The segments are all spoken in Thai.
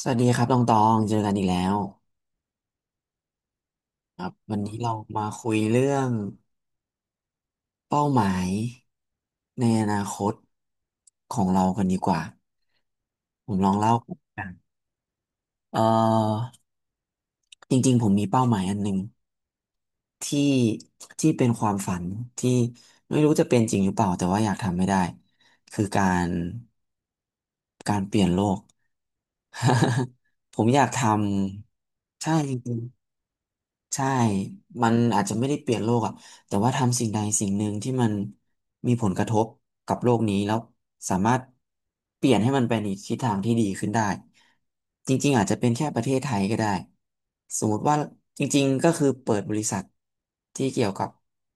สวัสดีครับตองตองเจอกันอีกแล้วครับวันนี้เรามาคุยเรื่องเป้าหมายในอนาคตของเรากันดีกว่าผมลองเล่ากันเอ่อจริงๆผมมีเป้าหมายอันหนึ่งที่ที่เป็นความฝันที่ไม่รู้จะเป็นจริงหรือเปล่าแต่ว่าอยากทำไม่ได้คือการเปลี่ยนโลก ผมอยากทำใช่จริง ใช่มันอาจจะไม่ได้เปลี่ยนโลกอ่ะแต่ว่าทำสิ่งใดสิ่งหนึ่งที่มันมีผลกระทบกับโลกนี้แล้วสามารถเปลี่ยนให้มันไปในทิศทางที่ดีขึ้นได้จริงๆอาจจะเป็นแค่ประเทศไทยก็ได้สมมติว่าจริงๆก็คือเปิดบริษัทที่เกี่ยวกับ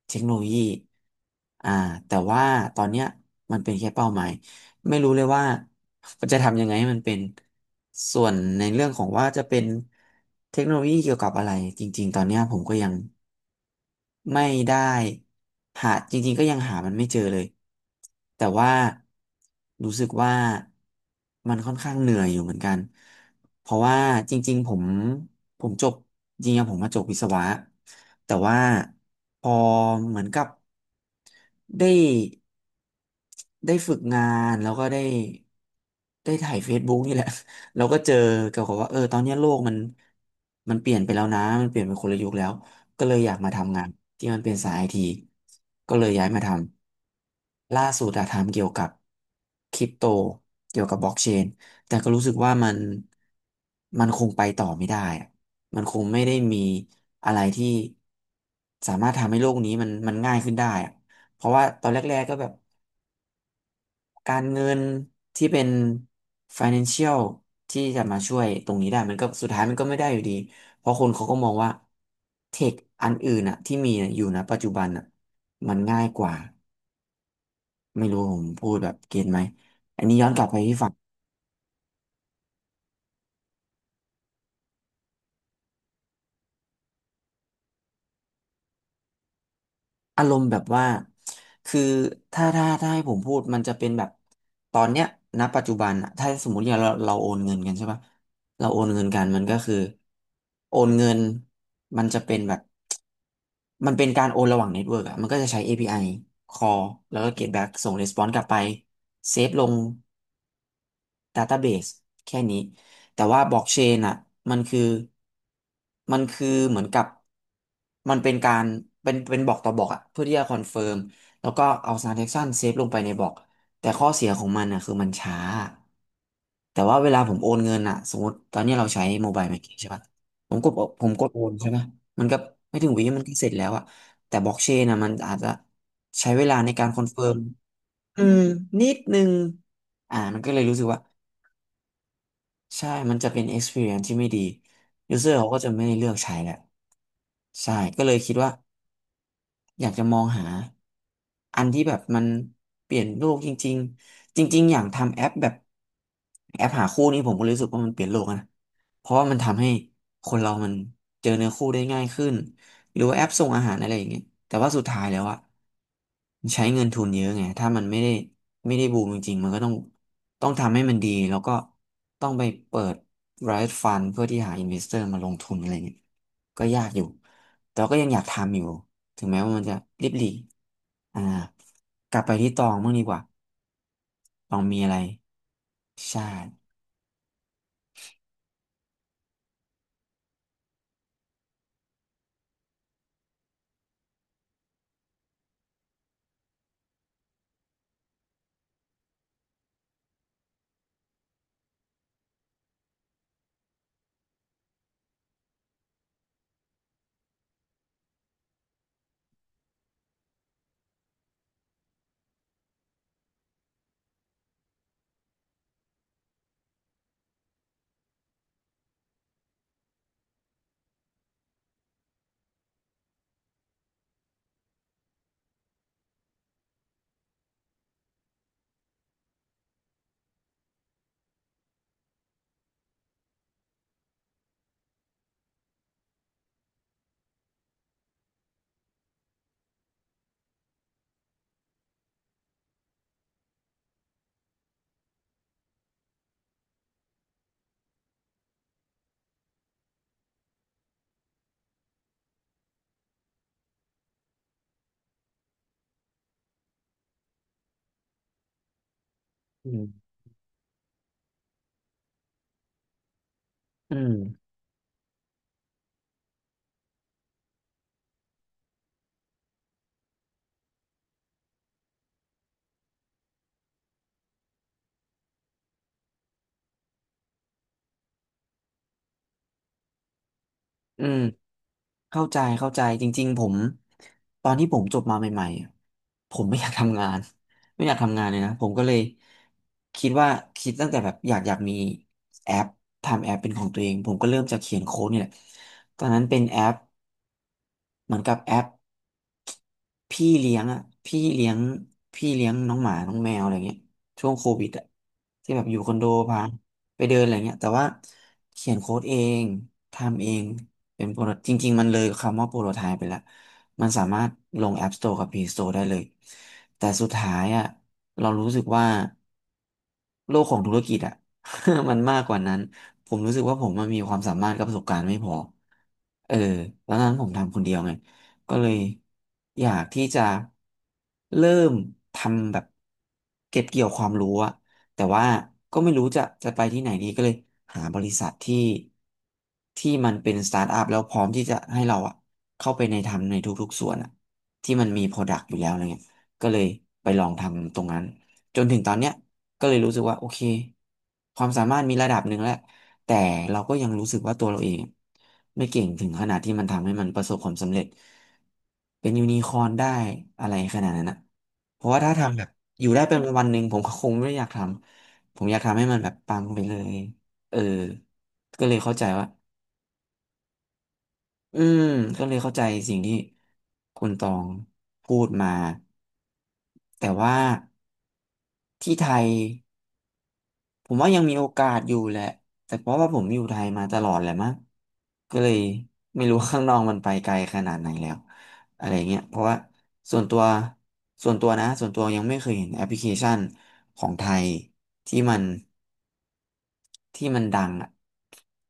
เทคโนโลยีอ่าแต่ว่าตอนเนี้ยมันเป็นแค่เป้าหมาย ไม่รู้เลยว่าจะทำยังไงให้มันเป็นส่วนในเรื่องของว่าจะเป็นเทคโนโลยีเกี่ยวกับอะไรจริงๆตอนเนี้ยผมก็ยัง ไม่ได้หาจริงๆก็ยังหามันไม่เจอเลยแต่ว่ารู้สึกว่ามันค่อนข้างเหนื่อยอยู่เหมือนกันเพราะว่าจริงๆผมผมจบจริงๆผมมาจบวิศวะแต่ว่าพอเหมือนกับได้ได้ฝึกงานแล้วก็ได้ถ่าย Facebook นี่แหละ เราก็เจอเกี่ยวกับว่าเออตอนเนี้ยโลกมันเปลี่ยนไปแล้วนะมันเปลี่ยนไปคนละยุคแล้ว ก็เลยอยากมาทำงานที่มันเป็นสายไอทีก็เลยย้ายมาทำล่าสุดอะทำเกี่ยวกับคริปโตเกี่ยวกับบล็อกเชนแต่ก็รู้สึกว่ามันคงไปต่อไม่ได้อะมันคงไม่ได้มีอะไรที่สามารถทำให้โลกนี้มันง่ายขึ้นได้อะเพราะว่าตอนแรกๆก็แบบ การเงินที่เป็น financial ที่จะมาช่วยตรงนี้ได้มันก็สุดท้ายมันก็ไม่ได้อยู่ดีเพราะคนเขาก็มองว่าเทคอันอื่นอะที่มีอะอยู่นะปัจจุบันอะมันง่ายกว่าไม่รู้ผมพูดแบบเก็ตไหมอันนี้ย้อนกลับไปที่ฝั่งอารมณ์แบบว่าคือถ้าให้ผมพูดมันจะเป็นแบบตอนเนี้ยณปัจจุบันอะถ้าสมมติอย่างเราโอนเงินกันใช่ปะเราโอนเงินกันมันก็คือโอนเงินมันจะเป็นแบบ มันเป็นการโอนระหว่างเน็ตเวิร์กอะมันก็จะใช้ API call แล้วก็ get back ส่ง response กลับไปเซฟลง database แค่นี้ แต่ว่าบล็อกเชนอะมันคือมันคือเหมือนกับมันเป็นการเป็นบอกต่อบอกอะเพื่อที่จะคอนเฟิร์มแล้วก็เอา transaction เซฟลงไปในบล็อกแต่ข้อเสียของมันอะคือมันช้า แต่ว่าเวลาผมโอนเงินอะสมมติตอนนี้เราใช้โมบายแบงกิ้งใช่ปะผมกดผมกดโอนใช่ไหมมันก็ไม่ถึงวิมันก็เสร็จแล้วอะแต่บล็อกเชนอะมันอาจจะใช้เวลาในการคอนเฟิร์มอืมนิดนึงมันก็เลยรู้สึกว่าใช่มันจะเป็น experience ที่ไม่ดี user เขาก็จะไม่เลือกใช้แหละใช่ก็เลยคิดว่า อยากจะมองหาอันที่แบบมันเปลี่ยนโลกจริงๆจริงๆอย่างทำแอปแบบแอปหาคู่นี่ผมก็รู้สึกว่ามันเปลี่ยนโลกนะเพราะว่ามันทำให้คนเรามันเจอเนื้อคู่ได้ง่ายขึ้นหรือว่าแอปส่งอาหารอะไรอย่างเงี้ยแต่ว่าสุดท้ายแล้วอะมันใช้เงินทุนเยอะไงถ้ามันไม่ได้บูมจริงๆมันก็ต้องทำให้มันดีแล้วก็ต้องไปเปิด Riot Fund เพื่อที่หา investor มาลงทุนอะไรเงี้ยก็ยากอยู่แต่ว่าก็ยังอยากทำอยู่ ถึงแม้ว่ามันจะริบหรี่อ่ากลับไปที่ตองบ้างดีกว่าตองมีอะไรใช่อืมอืมอืมเข้าใจจริงๆผมตอนที่ผมจบมาใหม่ๆอะผมไม่อยากทำงาน ไม่อยากทำงานเลยนะผมก็เลยคิดว่าคิดตั้งแต่แบบอยากมีแอปทำแอปเป็นของตัวเองผมก็เริ่มจากเขียนโค้ดนี่แหละตอนนั้นเป็นแอป เหมือนกับแอปพี่เลี้ยงอ่ะพี่เลี้ยงพี่เลี้ยงน้องหมาน้องแมวอะไรเงี้ยช่วงโควิดอ่ะที่แบบอยู่คอนโดพาไปเดินอะไรเงี้ยแต่ว่าเขียนโค้ดเองทำเองเป็นโปรจริงๆมันเลยคำว่าโปรโตไทป์ไปแล้ว มันสามารถลง App Store กับ Play Store ได้เลยแต่สุดท้ายอ่ะเรารู้สึกว่าโลกของธุรกิจอ่ะ มันมากกว่านั้นผมรู้สึกว่าผมมันมีความสามารถกับประสบการณ์ไม่พอเออแล้วนั้นผมทำคนเดียวไงก็เลยอยากที่จะเริ่มทำแบบเก็บเกี่ยวความรู้อะ แต่ว่าก็ไม่รู้จะไปที่ไหนดีก็เลยหาบริษัทที่มันเป็นสตาร์ทอัพแล้วพร้อมที่จะให้เราอะเข้าไปในทำในทุกๆส่วนอะที่มันมีโปรดักต์อยู่แล้วอะไรเงี้ยก็เลยไปลองทำตรงนั้นจนถึงตอนเนี้ยก็เลยรู้สึกว่าโอเคความสามารถมีระดับหนึ่งแล้วแต่เราก็ยังรู้สึกว่าตัวเราเองไม่เก่งถึงขนาดที่มันทำให้มันประสบความสำเร็จเป็นยูนิคอร์นได้อะไรขนาดนั้นนะ เพราะว่าถ้าทำแบบอยู่ได้เป็นวันหนึ่งผมก็คงไม่อยากทำผมอยากทำให้มันแบบปังไปเลยเออก็เลยเข้าใจว่าอืมก็เลยเข้าใจสิ่งที่คุณตองพูดมาแต่ว่าที่ไทย ผมว่ายังมีโอกาสอยู่แหละแต่เพราะว่าผมอยู่ไทยมาตลอดแหละมั้งก็เลยไม่รู้ว่าข้างนอกมันไปไกลขนาดไหนแล้วอะไรเงี้ยเพราะว่าส่วนตัวส่วนตัวนะส่วนตัวยังไม่เคยเห็นแอปพลิเคชันของไทยที่มันที่มันดังอ่ะ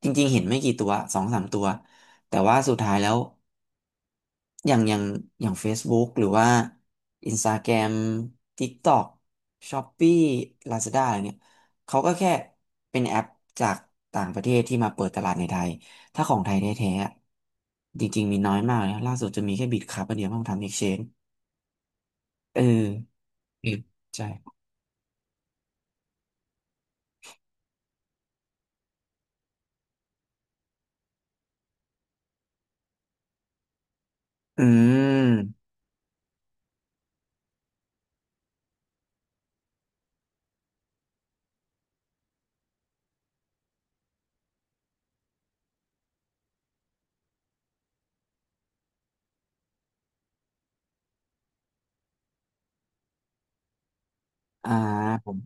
จริงๆเห็นไม่กี่ตัวสองสามตัวแต่ว่าสุดท้ายแล้ว อย่างอย่างอย่าง Facebook หรือว่า Instagram TikTok Shopee Lazada อะไรเนี่ยเขาก็แค่เป็นแอปจากต่างประเทศที่มาเปิดตลาดในไทยถ้าของไทยแท้ๆอะจริงๆมีน้อยมากนะล่าสุดจะมีแค่บิตครับอันเดียวต้องทำ Exchange เอออืมใช่อืมอ่าผม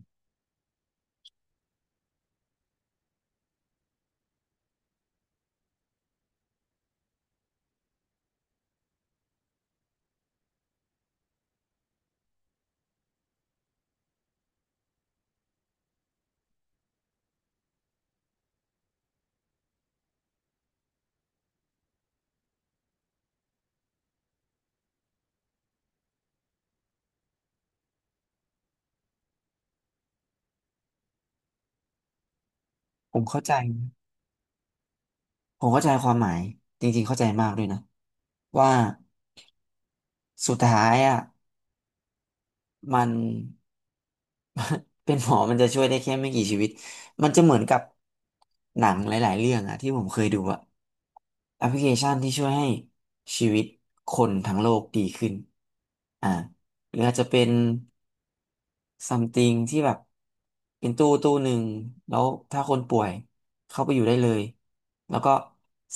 ผมเข้าใจผมเข้าใจความหมายจริงๆเข้าใจมากด้วยนะว่าสุดท้ายอ่ะ มัน เป็นหมอมันจะช่วยได้แค่ไม่กี่ชีวิต มันจะเหมือนกับหนังหลายๆเรื่องอะที่ผมเคยดูอะแอปพลิเคชันที่ช่วยให้ชีวิตคนทั้งโลกดีขึ้นอ่าหรืออาจจะเป็น something ที่แบบเป็นตู้หนึ่งแล้วถ้าคนป่วยเข้าไปอยู่ได้เลยแล้วก็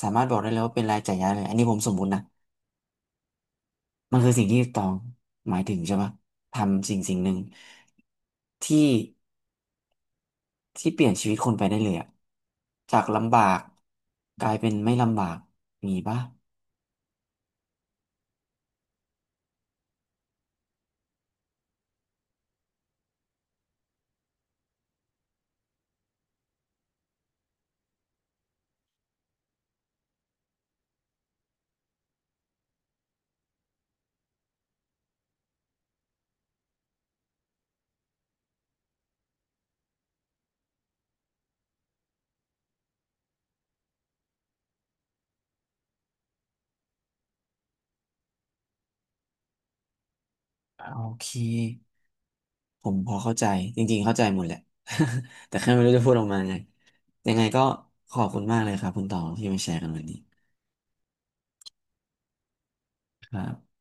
สามารถบอกได้เลยว่าเป็นรายจ่ายยาเลยอันนี้ผมสมมุตินะมันคือสิ่งที่ตองหมายถึงใช่ปะทำสิ่งหนึ่งที่ ที่เปลี่ยนชีวิตคนไปได้เลยอะจากลำบากกลายเป็นไม่ลำบากมีปะอ่าโอเคผมพอเข้าใจจริงๆเข้าใจหมดแหละ แต่แค่ไม่รู้จะพูดออกมาไงยังไงก็ขอบคุณมากเลยครับคุณตองที่มาแชร์กันวันนี้ครับ